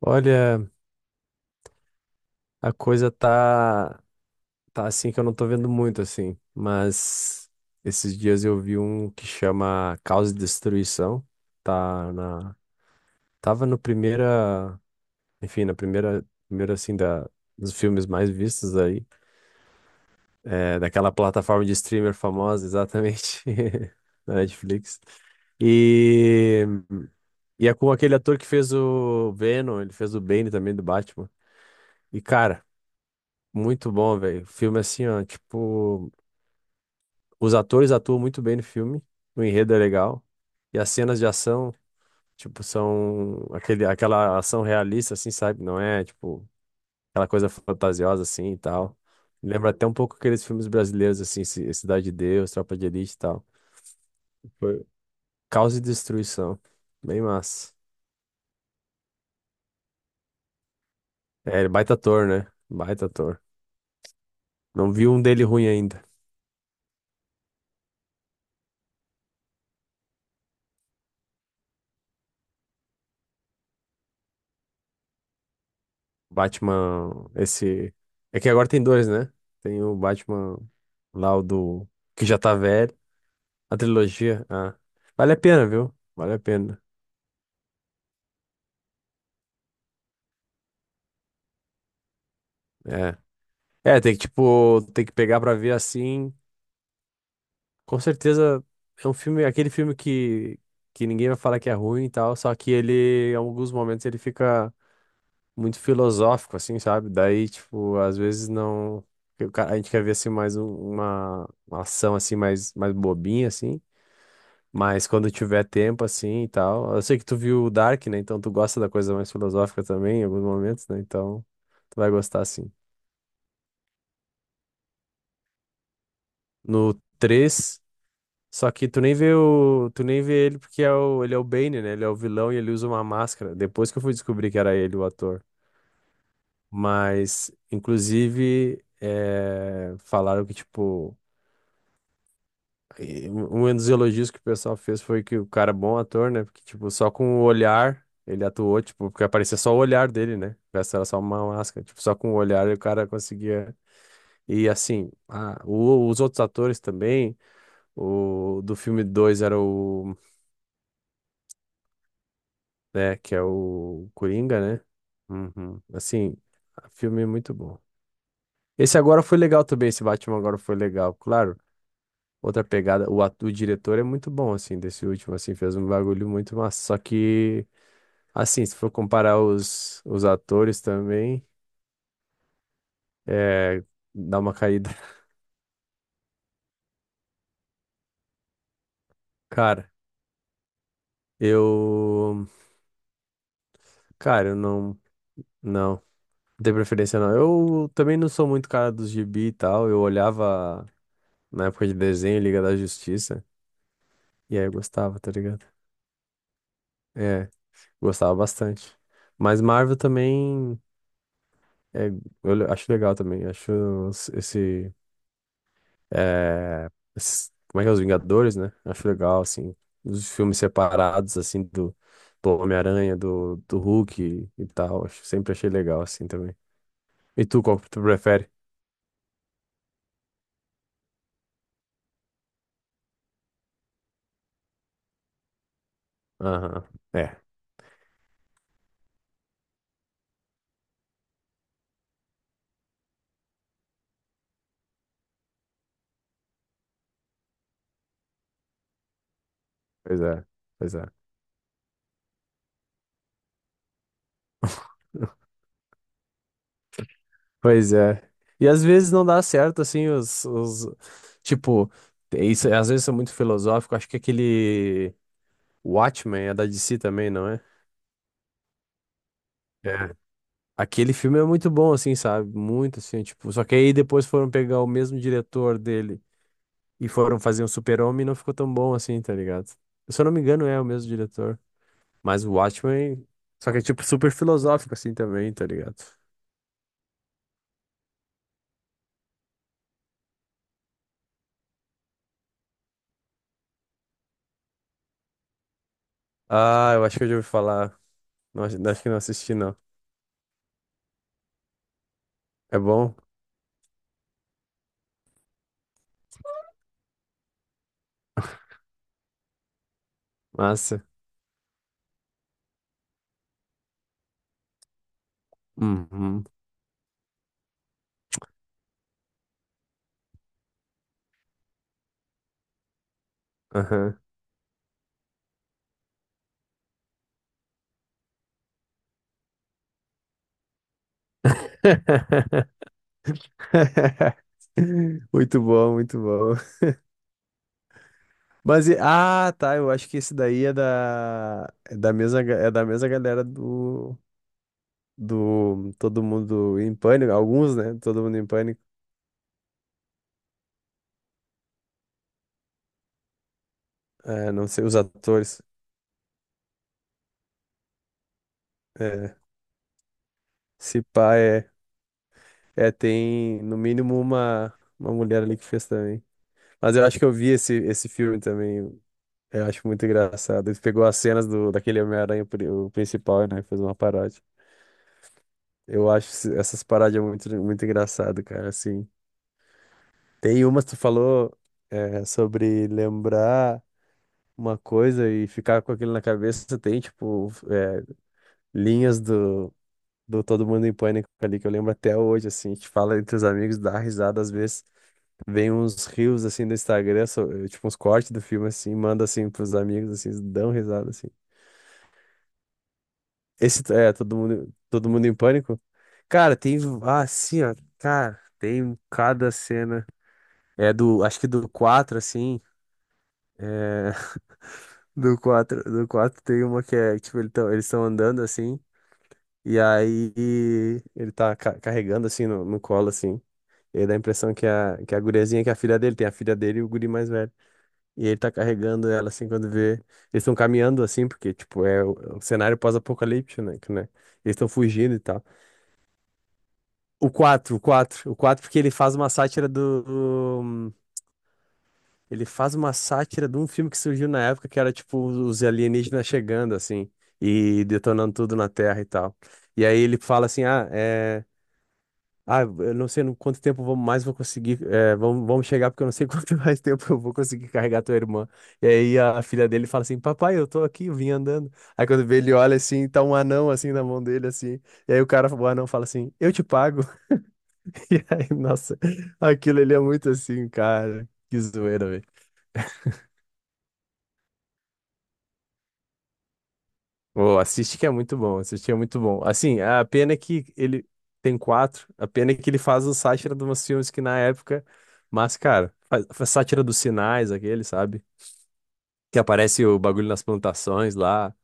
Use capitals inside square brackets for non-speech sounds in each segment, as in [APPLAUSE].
Olha, a coisa tá assim que eu não tô vendo muito assim, mas esses dias eu vi um que chama Caos e Destruição, tá na tava no primeira, enfim, na primeira assim da dos filmes mais vistos aí, é, daquela plataforma de streamer famosa, exatamente, [LAUGHS] da Netflix. E e é com aquele ator que fez o Venom, ele fez o Bane também do Batman. E cara, muito bom, velho. O filme assim, ó, tipo, os atores atuam muito bem no filme, o enredo é legal, e as cenas de ação, tipo, são aquela ação realista, assim, sabe? Não é, tipo, aquela coisa fantasiosa, assim, e tal. Lembra até um pouco aqueles filmes brasileiros, assim, Cidade de Deus, Tropa de Elite e tal. Foi Caos e Destruição. Bem massa. É, ele é baita ator, né? Baita ator. Não vi um dele ruim ainda. Batman, esse. É que agora tem dois, né? Tem o Batman lá, o do. Que já tá velho. A trilogia. Ah. Vale a pena, viu? Vale a pena. É. É, tem que, tipo, tem que pegar pra ver assim. Com certeza é um filme, aquele filme que ninguém vai falar que é ruim e tal. Só que ele, em alguns momentos, ele fica muito filosófico, assim, sabe? Daí, tipo, às vezes não. A gente quer ver assim mais uma ação assim mais bobinha, assim. Mas quando tiver tempo, assim e tal. Eu sei que tu viu o Dark, né? Então tu gosta da coisa mais filosófica também, em alguns momentos, né? Então tu vai gostar, sim. No três, só que tu nem vê o. Tu nem vê ele porque é o... ele é o Bane, né? Ele é o vilão e ele usa uma máscara. Depois que eu fui descobrir que era ele, o ator. Mas, inclusive, falaram que, tipo. E um dos elogios que o pessoal fez foi que o cara é bom ator, né? Porque, tipo, só com o olhar ele atuou, tipo, porque aparecia só o olhar dele, né? O resto era só uma máscara. Tipo, só com o olhar o cara conseguia. E assim, os outros atores também, o do filme 2 era o, né, que é o Coringa, né? Uhum. Assim, filme é muito bom. Esse agora foi legal também, esse Batman agora foi legal, claro. Outra pegada. O, o diretor é muito bom, assim, desse último, assim, fez um bagulho muito massa. Só que, assim, se for comparar os atores também, é, dá uma caída. [LAUGHS] Cara, eu. Cara, eu não. Não, tenho preferência, não. Eu também não sou muito cara dos gibi e tal. Eu olhava na época de desenho, Liga da Justiça, e aí eu gostava, tá ligado? É, gostava bastante. Mas Marvel também. É, acho legal também, acho esse É, esses- como é que é? Os Vingadores, né? Acho legal, assim. Os filmes separados, assim, do Homem-Aranha, do Hulk e tal. Sempre achei legal, assim, também. E tu, qual que tu prefere? Aham. É, pois é. Pois é. [LAUGHS] Pois é. E às vezes não dá certo, assim, os tipo, é isso, às vezes são muito filosóficos. Acho que aquele Watchmen é da DC também, não é? É. Aquele filme é muito bom, assim, sabe? Muito, assim, tipo... Só que aí depois foram pegar o mesmo diretor dele e foram fazer um Super-Homem e não ficou tão bom assim, tá ligado? Se eu não me engano, é o mesmo diretor. Mas o Watchmen... Só que é, tipo, super filosófico, assim, também, tá ligado? Ah, eu acho que eu já ouvi falar. Não, acho que não assisti, não. É bom? Massa. Uhum. Aham. [LAUGHS] Muito bom, muito bom. Mas, ah, tá, eu acho que esse daí é é da mesma, é da mesma galera do Todo Mundo em Pânico, alguns, né? Todo Mundo em Pânico. É, não sei, os atores. É, se pá, tem no mínimo uma mulher ali que fez também. Mas eu acho que eu vi esse filme também, eu acho muito engraçado. Ele pegou as cenas do, daquele Homem-Aranha, o principal, né? Fez uma paródia. Eu acho essas paródias muito, muito engraçado, cara, assim. Tem umas que tu falou é, sobre lembrar uma coisa e ficar com aquilo na cabeça. Tem, tipo, é, linhas do Todo Mundo em Pânico ali que eu lembro até hoje, assim. A gente fala entre os amigos, dá risada às vezes. Vem uns rios, assim, no Instagram, tipo, uns cortes do filme, assim. Manda, assim, pros amigos, assim, eles dão risada, assim. Esse, é, Todo Mundo em Pânico. Cara, tem, ah, assim, ó. Cara, tem cada cena. É do, acho que do 4 assim. eh, Do 4 tem uma que é, tipo, eles estão andando assim, e aí ele carregando assim no colo, assim. E aí dá a impressão que que a guriazinha, que é a filha dele, tem a filha dele e o guri mais velho. E ele tá carregando ela assim quando vê. Eles estão caminhando assim, porque, tipo, é o cenário pós-apocalíptico, né? que, né? Eles estão fugindo e tal. O 4 porque ele faz uma sátira do. Ele faz uma sátira de um filme que surgiu na época que era tipo os alienígenas chegando assim e detonando tudo na Terra e tal. E aí ele fala assim: "Ah, eu não sei no quanto tempo vou- mais vou conseguir, é, vamos chegar porque eu não sei [LAUGHS] quanto mais tempo eu vou conseguir carregar tua irmã". E aí a filha dele fala assim: "Papai, eu tô aqui, eu vim andando". Aí quando vê ele olha assim, tá um anão assim na mão dele assim. E aí o cara, o anão fala assim: "Eu te pago". [LAUGHS] E aí, nossa, aquilo ele é muito assim, cara. Que zoeira, velho. Oh, assiste que é muito bom. Assim, a pena é que ele tem quatro, a pena é que ele faz o sátira de umas filmes que na época, mas, cara, faz sátira dos sinais, aquele, sabe? Que aparece o bagulho nas plantações lá,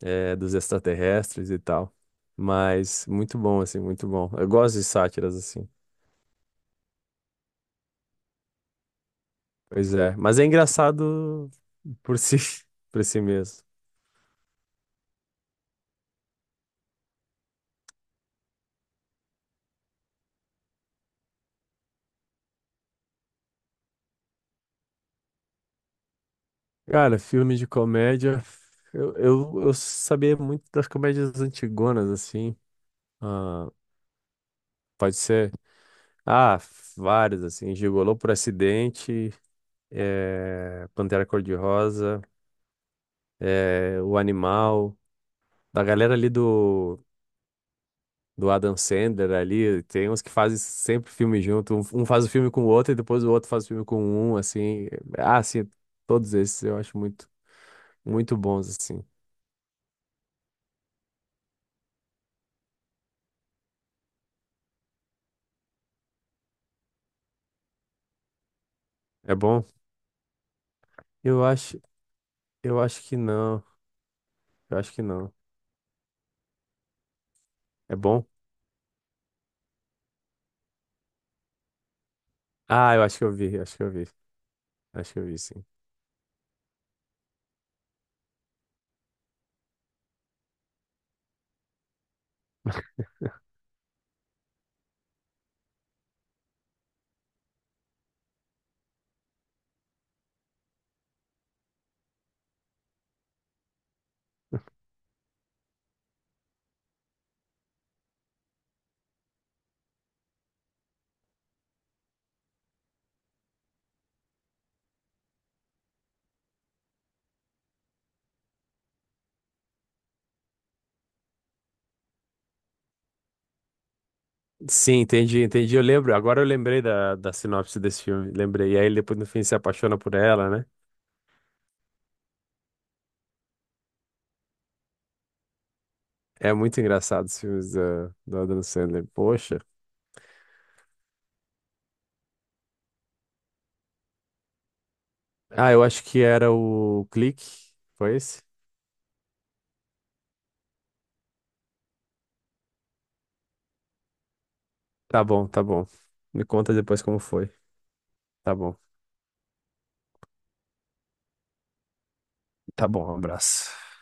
é, dos extraterrestres e tal. Mas muito bom, assim, muito bom. Eu gosto de sátiras, assim. Pois é, mas é engraçado por si, [LAUGHS] por si mesmo. Cara, filme de comédia. Eu sabia muito das comédias antigonas, assim. Ah, pode ser. Ah, vários, assim. Gigolô por acidente, é, Pantera Cor-de-Rosa, é, O Animal. Da galera ali do Adam Sandler ali, tem uns que fazem sempre filme junto. Um faz o filme com o outro e depois o outro faz o filme com um, assim. Ah, sim, todos esses eu acho muito, muito bons, assim. É bom? Eu acho, eu acho que não. Eu acho que não. É bom? Ah, eu acho que eu vi. Acho que eu vi, sim. Sim, entendi, entendi. Eu lembro, agora eu lembrei da sinopse desse filme. Lembrei. E aí ele depois no fim se apaixona por ela, né? É muito engraçado os filmes do Adam Sandler. Poxa. Ah, eu acho que era o Clique. Foi esse? Tá bom, tá bom. Me conta depois como foi. Tá bom. Tá bom, um abraço.